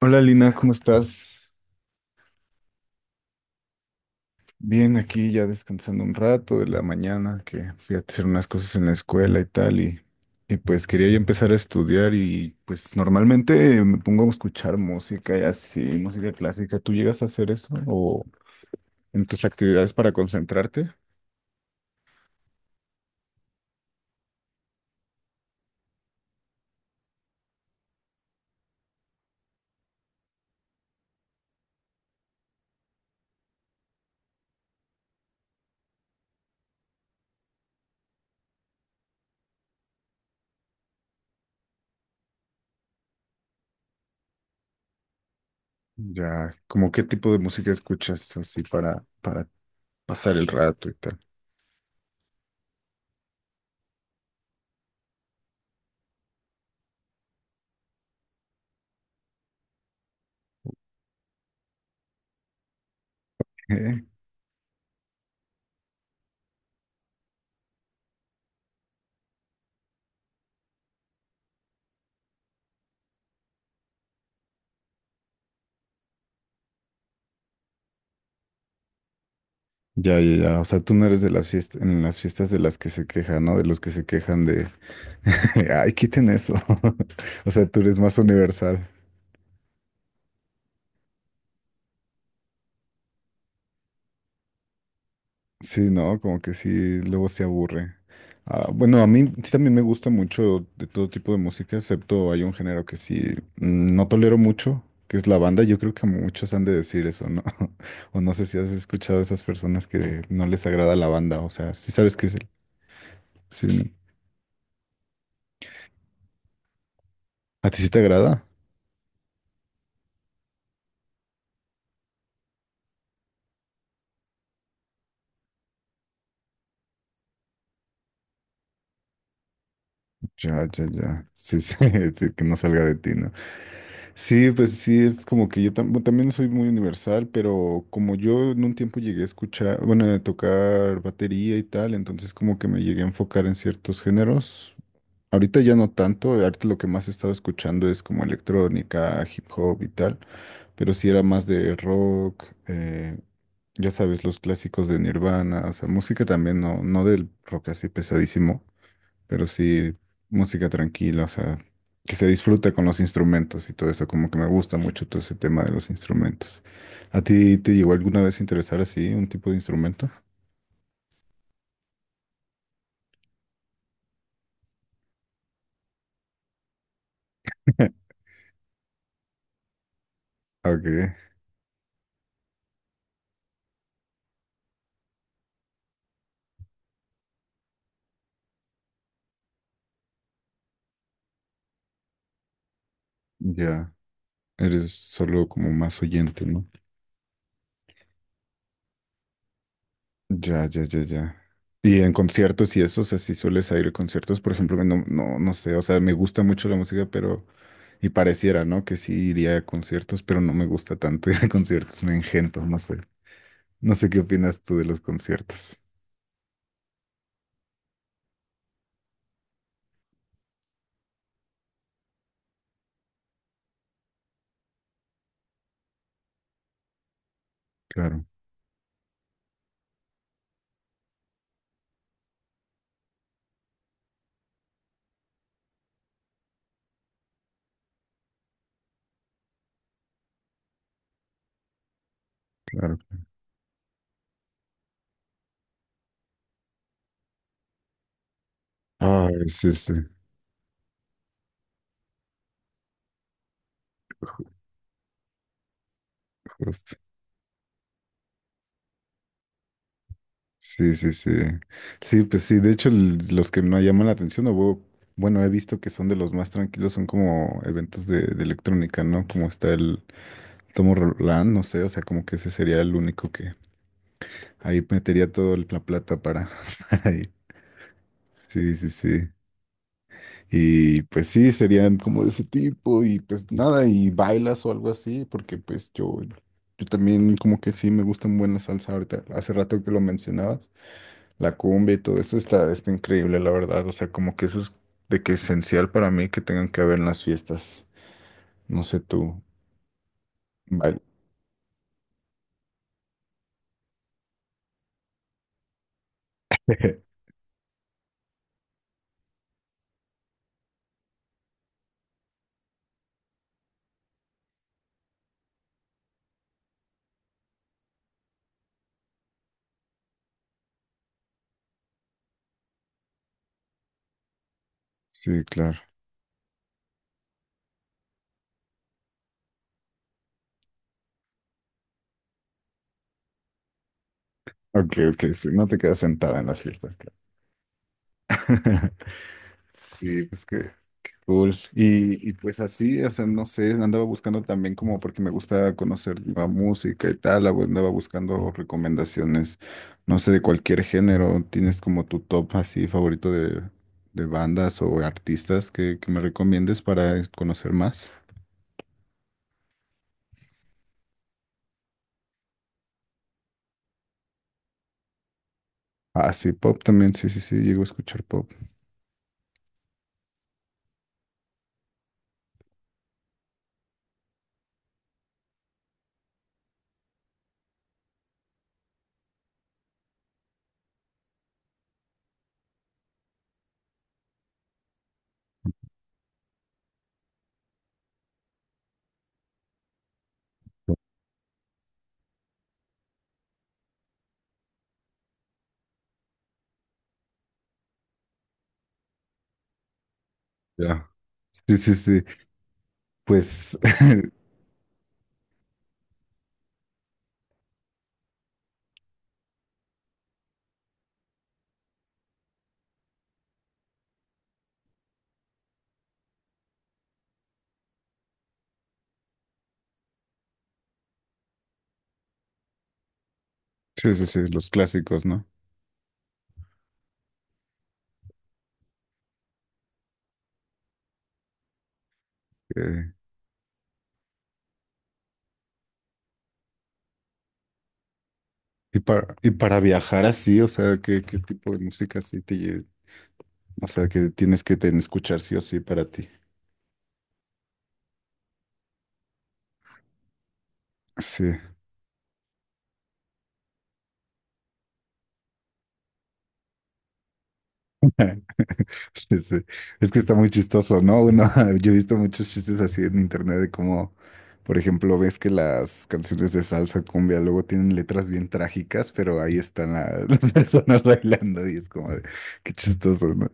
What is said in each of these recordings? Hola Lina, ¿cómo estás? Bien, aquí ya descansando un rato de la mañana, que fui a hacer unas cosas en la escuela y tal, y pues quería ya empezar a estudiar y pues normalmente me pongo a escuchar música y así, música clásica. ¿Tú llegas a hacer eso o en tus actividades para concentrarte? Ya, como qué tipo de música escuchas así para pasar el rato y tal? Eh, Ya, ya, ya. O sea, tú no eres de las fiestas, en las fiestas de las que se quejan, ¿no? De los que se quejan de, ay, quiten eso. O sea, tú eres más universal. Sí, no, como que sí, luego se aburre. Ah, bueno, a mí sí también me gusta mucho de todo tipo de música, excepto hay un género que sí no tolero mucho, que es la banda. Yo creo que muchos han de decir eso, ¿no? O no sé si has escuchado a esas personas que no les agrada la banda. O sea, sí sabes que es el... sí, ¿no? ¿A ti sí te agrada? Ya, ya, ya. Sí, sí, sí, que no salga de ti, ¿no? Sí, pues sí, es como que yo bueno, también soy muy universal, pero como yo en un tiempo llegué a escuchar, bueno, a tocar batería y tal, entonces como que me llegué a enfocar en ciertos géneros. Ahorita ya no tanto, ahorita lo que más he estado escuchando es como electrónica, hip hop y tal, pero sí era más de rock, ya sabes, los clásicos de Nirvana, o sea, música también, no del rock así pesadísimo, pero sí, música tranquila, o sea, que se disfrute con los instrumentos y todo eso, como que me gusta mucho todo ese tema de los instrumentos. ¿A ti te llegó alguna vez a interesar así un tipo de instrumento? Ok, ya, eres solo como más oyente, ¿no? Ya, ya, ya, ya. Y en conciertos y eso, o sea, si sueles ir a conciertos, por ejemplo, no, no, no sé, o sea, me gusta mucho la música, pero, y pareciera, ¿no? Que sí iría a conciertos, pero no me gusta tanto ir a conciertos, me engento, no sé. No sé qué opinas tú de los conciertos. Claro, claro. Ah, sí, sí. Ju- Justo. Sí, sí, sí. Sí, pues sí. De hecho, los que me llaman la atención, bueno, he visto que son de los más tranquilos, son como eventos de electrónica, ¿no? Como está el Tomo Roland, no sé, o sea, como que ese sería el único que ahí metería todo la plata para, para ir. Sí, sí, sí. Y pues sí, serían como de ese tipo y pues nada, y bailas o algo así, porque pues yo también como que sí me gusta muy buena salsa ahorita, hace rato que lo mencionabas, la cumbia y todo eso está, está increíble, la verdad, o sea, como que eso es de que esencial para mí que tengan que haber en las fiestas, no sé tú, bail- sí, claro. Ok, ok, sí, no te quedas sentada en las fiestas, claro. Sí, pues que cool. Y pues así, o sea, no sé, andaba buscando también como porque me gusta conocer nueva música y tal, ah, andaba buscando recomendaciones, no sé, de cualquier género. ¿Tienes como tu top así favorito de bandas o artistas que me recomiendes para conocer más? Ah, sí, pop también, sí, sí, sí, llego a escuchar pop. Ya. Sí, sí, sí. Pues, sí, sí, sí, los clásicos, ¿no? Eh, y para viajar así, o sea, ¿qué, qué tipo de música así te, o sea, que tienes que escuchar sí o sí para ti. Sí. Sí, sí. Es que está muy chistoso, ¿no? Uno, yo he visto muchos chistes así en internet de cómo, por ejemplo, ves que las canciones de salsa cumbia luego tienen letras bien trágicas, pero ahí están las personas bailando y es como de, qué chistoso, ¿no?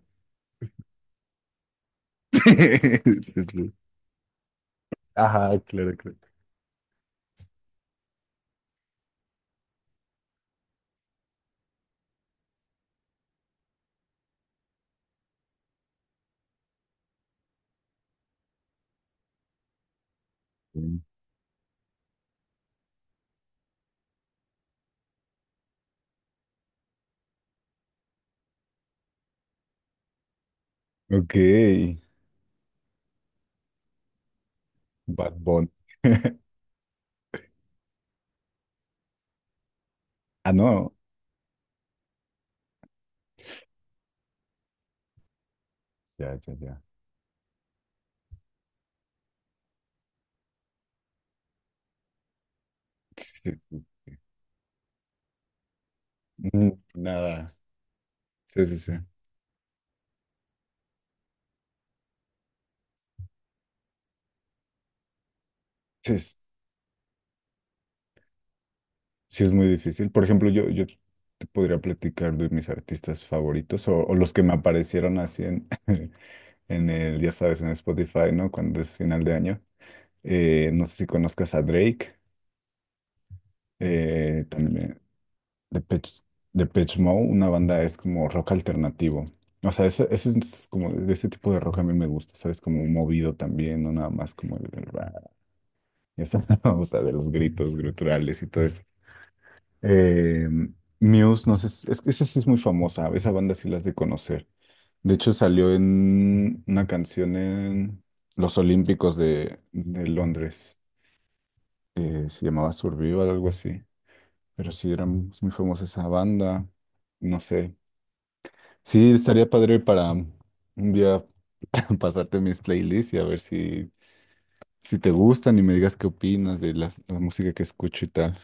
Sí, sí, sí. Ajá, claro, claro. Sí. Ok, Bad Bunny. Ah, no. Ya, ya, ya. Sí, sí. Mm, nada. Sí, sí, sí. Sí, sí. Sí, es muy difícil. Por ejemplo, yo te podría platicar de mis artistas favoritos o los que me aparecieron así en, en el, ya sabes, en Spotify, ¿no? Cuando es final de año. No sé si conozcas a Drake, también Depeche, Depeche Mode, una banda es como rock alternativo. O sea, ese es como de ese tipo de rock a mí me gusta, ¿sabes? Como movido también, no nada más como el rap, ya sabes, o sea, de los gritos gruturales y todo eso. Eh, Muse, no sé, es que esa sí es muy famosa, esa banda sí la has de conocer. De hecho, salió en una canción en los Olímpicos de Londres, se llamaba Survival, algo así, pero sí era muy muy famosa esa banda, no sé. Sí, estaría padre para un día pasarte mis playlists y a ver si, si te gustan y me digas qué opinas de la música que escucho y tal.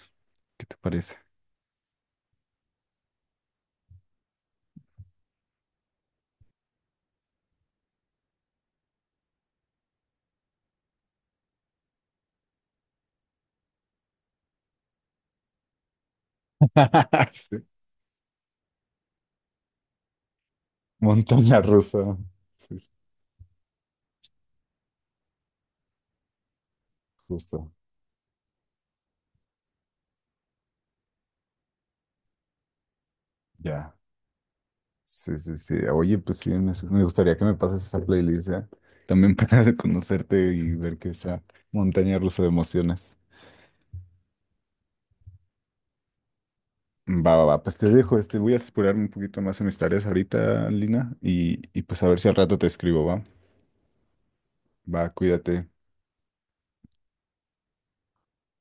¿Qué te parece? Sí. Montaña rusa. Sí, justo, ya. Sí, sí, sí. Oye, pues sí, me gustaría que me pases esa playlist, ¿eh? También para conocerte y ver que esa montaña rusa de emociones. Va, va, va. Pues te dejo, este, voy a explorarme un poquito más en mis tareas ahorita, Lina, y pues a ver si al rato te escribo, ¿va? Va, cuídate.